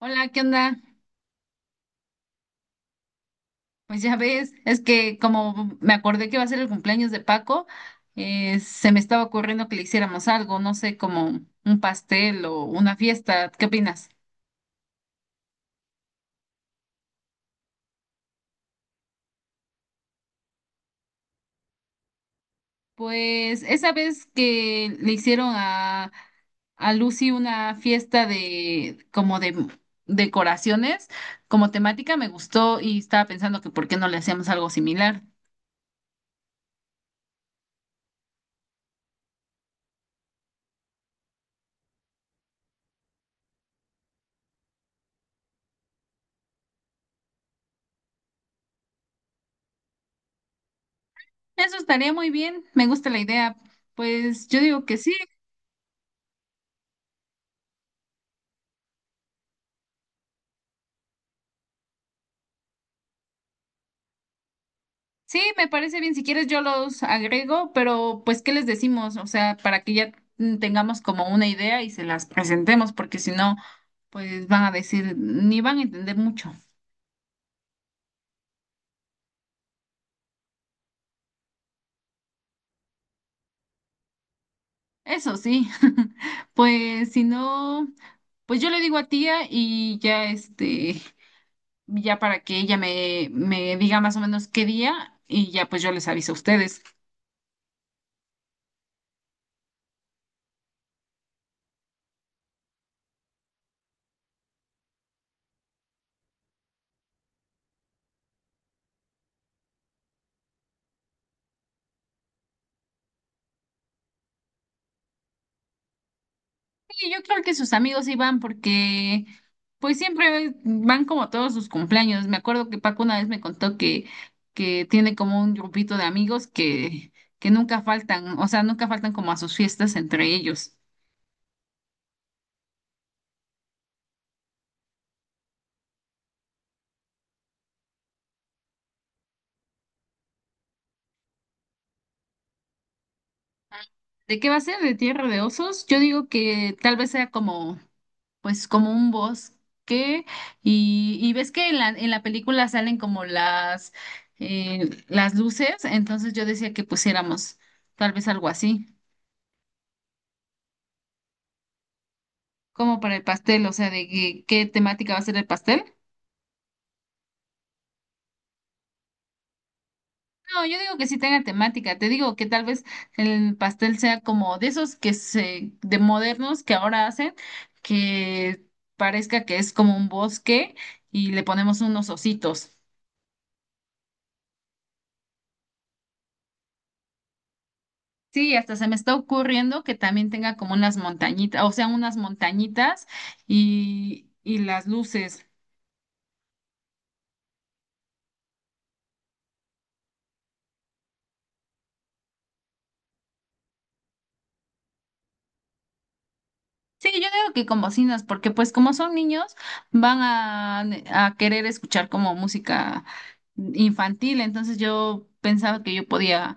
Hola, ¿qué onda? Pues ya ves, es que como me acordé que va a ser el cumpleaños de Paco, se me estaba ocurriendo que le hiciéramos algo, no sé, como un pastel o una fiesta. ¿Qué opinas? Pues esa vez que le hicieron a Lucy una fiesta de como de decoraciones, como temática, me gustó y estaba pensando que por qué no le hacíamos algo similar. Eso estaría muy bien, me gusta la idea. Pues yo digo que sí. Sí, me parece bien. Si quieres, yo los agrego, pero pues, ¿qué les decimos? O sea, para que ya tengamos como una idea y se las presentemos, porque si no, pues van a decir, ni van a entender mucho. Eso sí, pues si no, pues yo le digo a tía y ya este, ya para que ella me diga más o menos qué día y ya pues yo les aviso a ustedes. Sí, yo creo que sus amigos iban porque pues siempre van como a todos sus cumpleaños. Me acuerdo que Paco una vez me contó que tiene como un grupito de amigos que nunca faltan, o sea, nunca faltan como a sus fiestas entre ellos. ¿De qué va a ser? ¿De Tierra de Osos? Yo digo que tal vez sea como, pues como un bosque y ves que en la película salen como las luces, entonces yo decía que pusiéramos tal vez algo así. Como para el pastel, o sea, de qué temática va a ser el pastel. No, yo digo que sí tenga temática, te digo que tal vez el pastel sea como de esos de modernos que ahora hacen, que parezca que es como un bosque y le ponemos unos ositos. Sí, hasta se me está ocurriendo que también tenga como unas montañitas, o sea, unas montañitas y las luces. Sí, yo digo que con bocinas, porque pues como son niños, van a querer escuchar como música infantil, entonces yo pensaba que yo podía,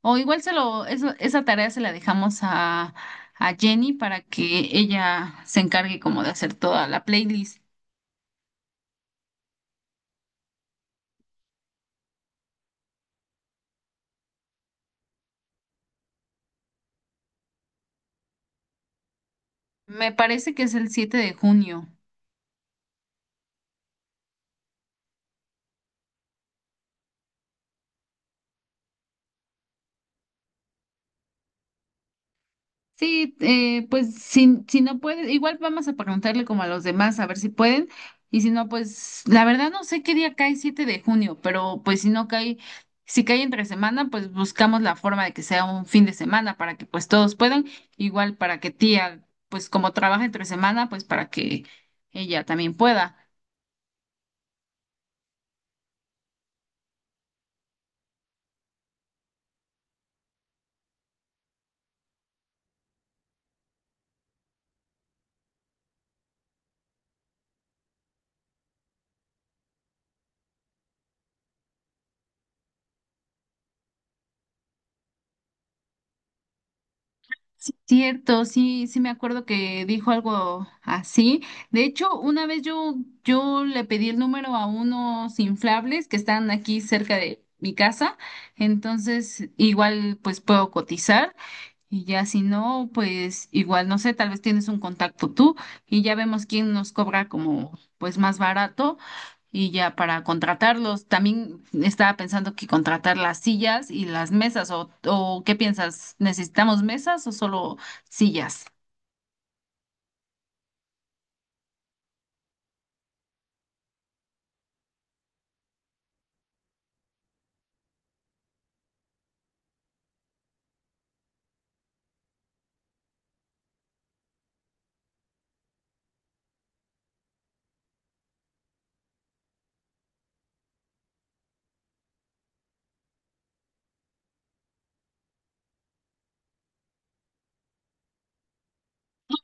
o igual eso, esa tarea se la dejamos a Jenny para que ella se encargue como de hacer toda la playlist. Me parece que es el 7 de junio. Sí, pues si no puede, igual vamos a preguntarle como a los demás a ver si pueden. Y si no, pues la verdad no sé qué día cae 7 de junio, pero pues si no cae, si cae entre semana, pues buscamos la forma de que sea un fin de semana para que pues todos puedan, igual para que tía, pues como trabaja entre semana, pues para que ella también pueda. Sí, cierto, sí, sí me acuerdo que dijo algo así. De hecho, una vez yo le pedí el número a unos inflables que están aquí cerca de mi casa, entonces igual pues puedo cotizar y ya si no, pues igual, no sé, tal vez tienes un contacto tú y ya vemos quién nos cobra como pues más barato y ya para contratarlos. También estaba pensando que contratar las sillas y las mesas o ¿qué piensas? ¿Necesitamos mesas o solo sillas?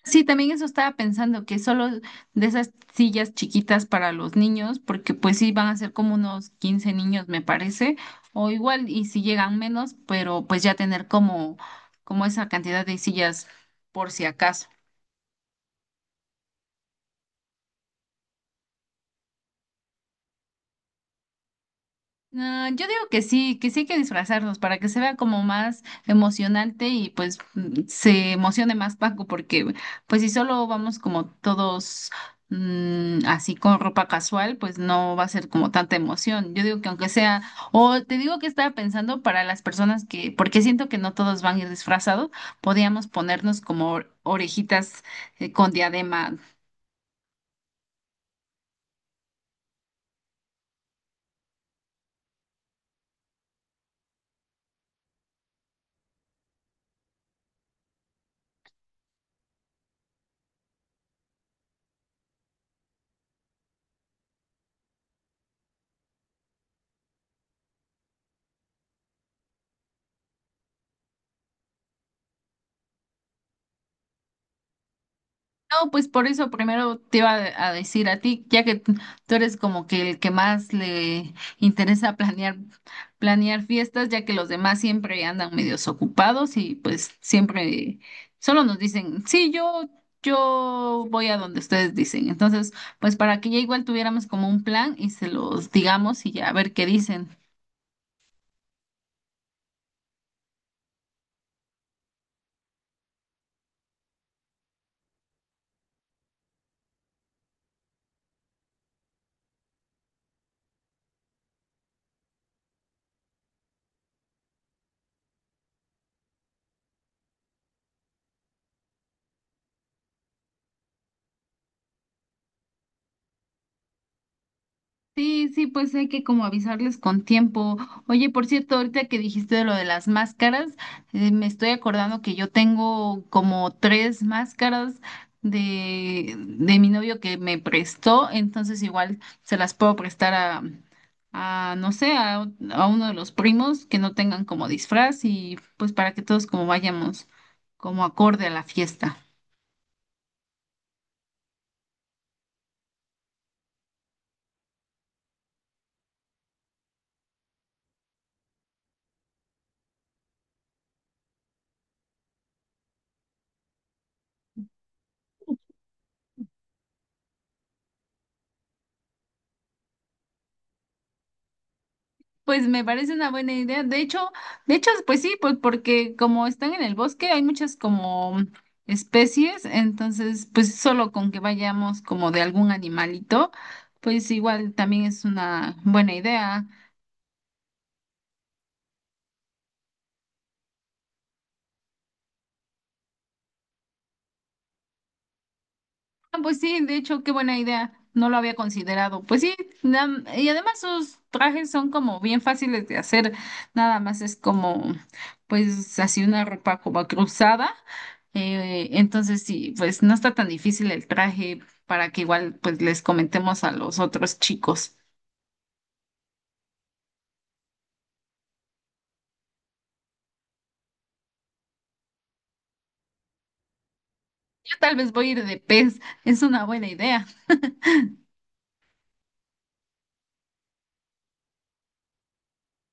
Sí, también eso estaba pensando, que solo de esas sillas chiquitas para los niños, porque pues sí van a ser como unos 15 niños, me parece, o igual, y si llegan menos, pero pues ya tener como esa cantidad de sillas por si acaso. No, yo digo que sí hay que disfrazarnos para que se vea como más emocionante y pues se emocione más Paco, porque pues si solo vamos como todos así con ropa casual, pues no va a ser como tanta emoción. Yo digo que aunque sea, o te digo que estaba pensando para las personas que, porque siento que no todos van a ir disfrazados, podíamos ponernos como orejitas con diadema. No, pues por eso primero te iba a decir a ti, ya que tú eres como que el que más le interesa planear fiestas, ya que los demás siempre andan medios ocupados y pues siempre solo nos dicen, sí, yo voy a donde ustedes dicen. Entonces, pues para que ya igual tuviéramos como un plan y se los digamos y ya a ver qué dicen. Sí, sí, pues hay que como avisarles con tiempo. Oye, por cierto, ahorita que dijiste de lo de las máscaras, me estoy acordando que yo tengo como tres máscaras de mi novio que me prestó, entonces igual se las puedo prestar a no sé, a uno de los primos que no tengan como disfraz y pues para que todos como vayamos como acorde a la fiesta. Pues me parece una buena idea. De hecho, pues sí, pues porque como están en el bosque, hay muchas como especies, entonces, pues solo con que vayamos como de algún animalito, pues igual también es una buena idea. Ah, pues sí, de hecho, qué buena idea. No lo había considerado. Pues sí, y además sus trajes son como bien fáciles de hacer. Nada más es como, pues así una ropa como cruzada. Entonces sí, pues no está tan difícil el traje para que igual pues les comentemos a los otros chicos. Yo tal vez voy a ir de pez. Es una buena idea.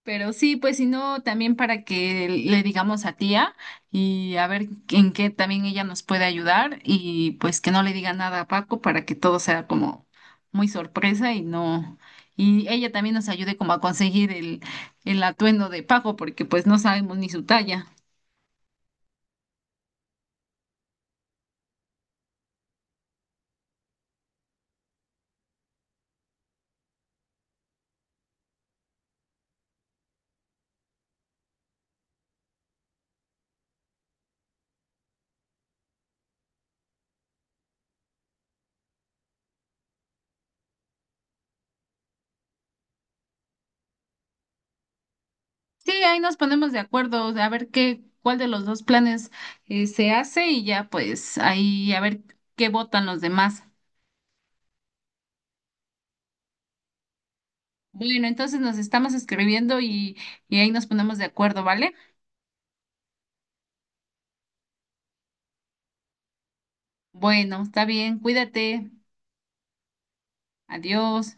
Pero sí, pues si no, también para que le digamos a tía y a ver en qué también ella nos puede ayudar y pues que no le diga nada a Paco para que todo sea como muy sorpresa y no, y ella también nos ayude como a conseguir el atuendo de Paco porque pues no sabemos ni su talla. Sí, ahí nos ponemos de acuerdo, o sea, a ver qué, cuál de los dos planes se hace y ya pues ahí a ver qué votan los demás. Bueno, entonces nos estamos escribiendo y ahí nos ponemos de acuerdo, ¿vale? Bueno, está bien, cuídate, adiós.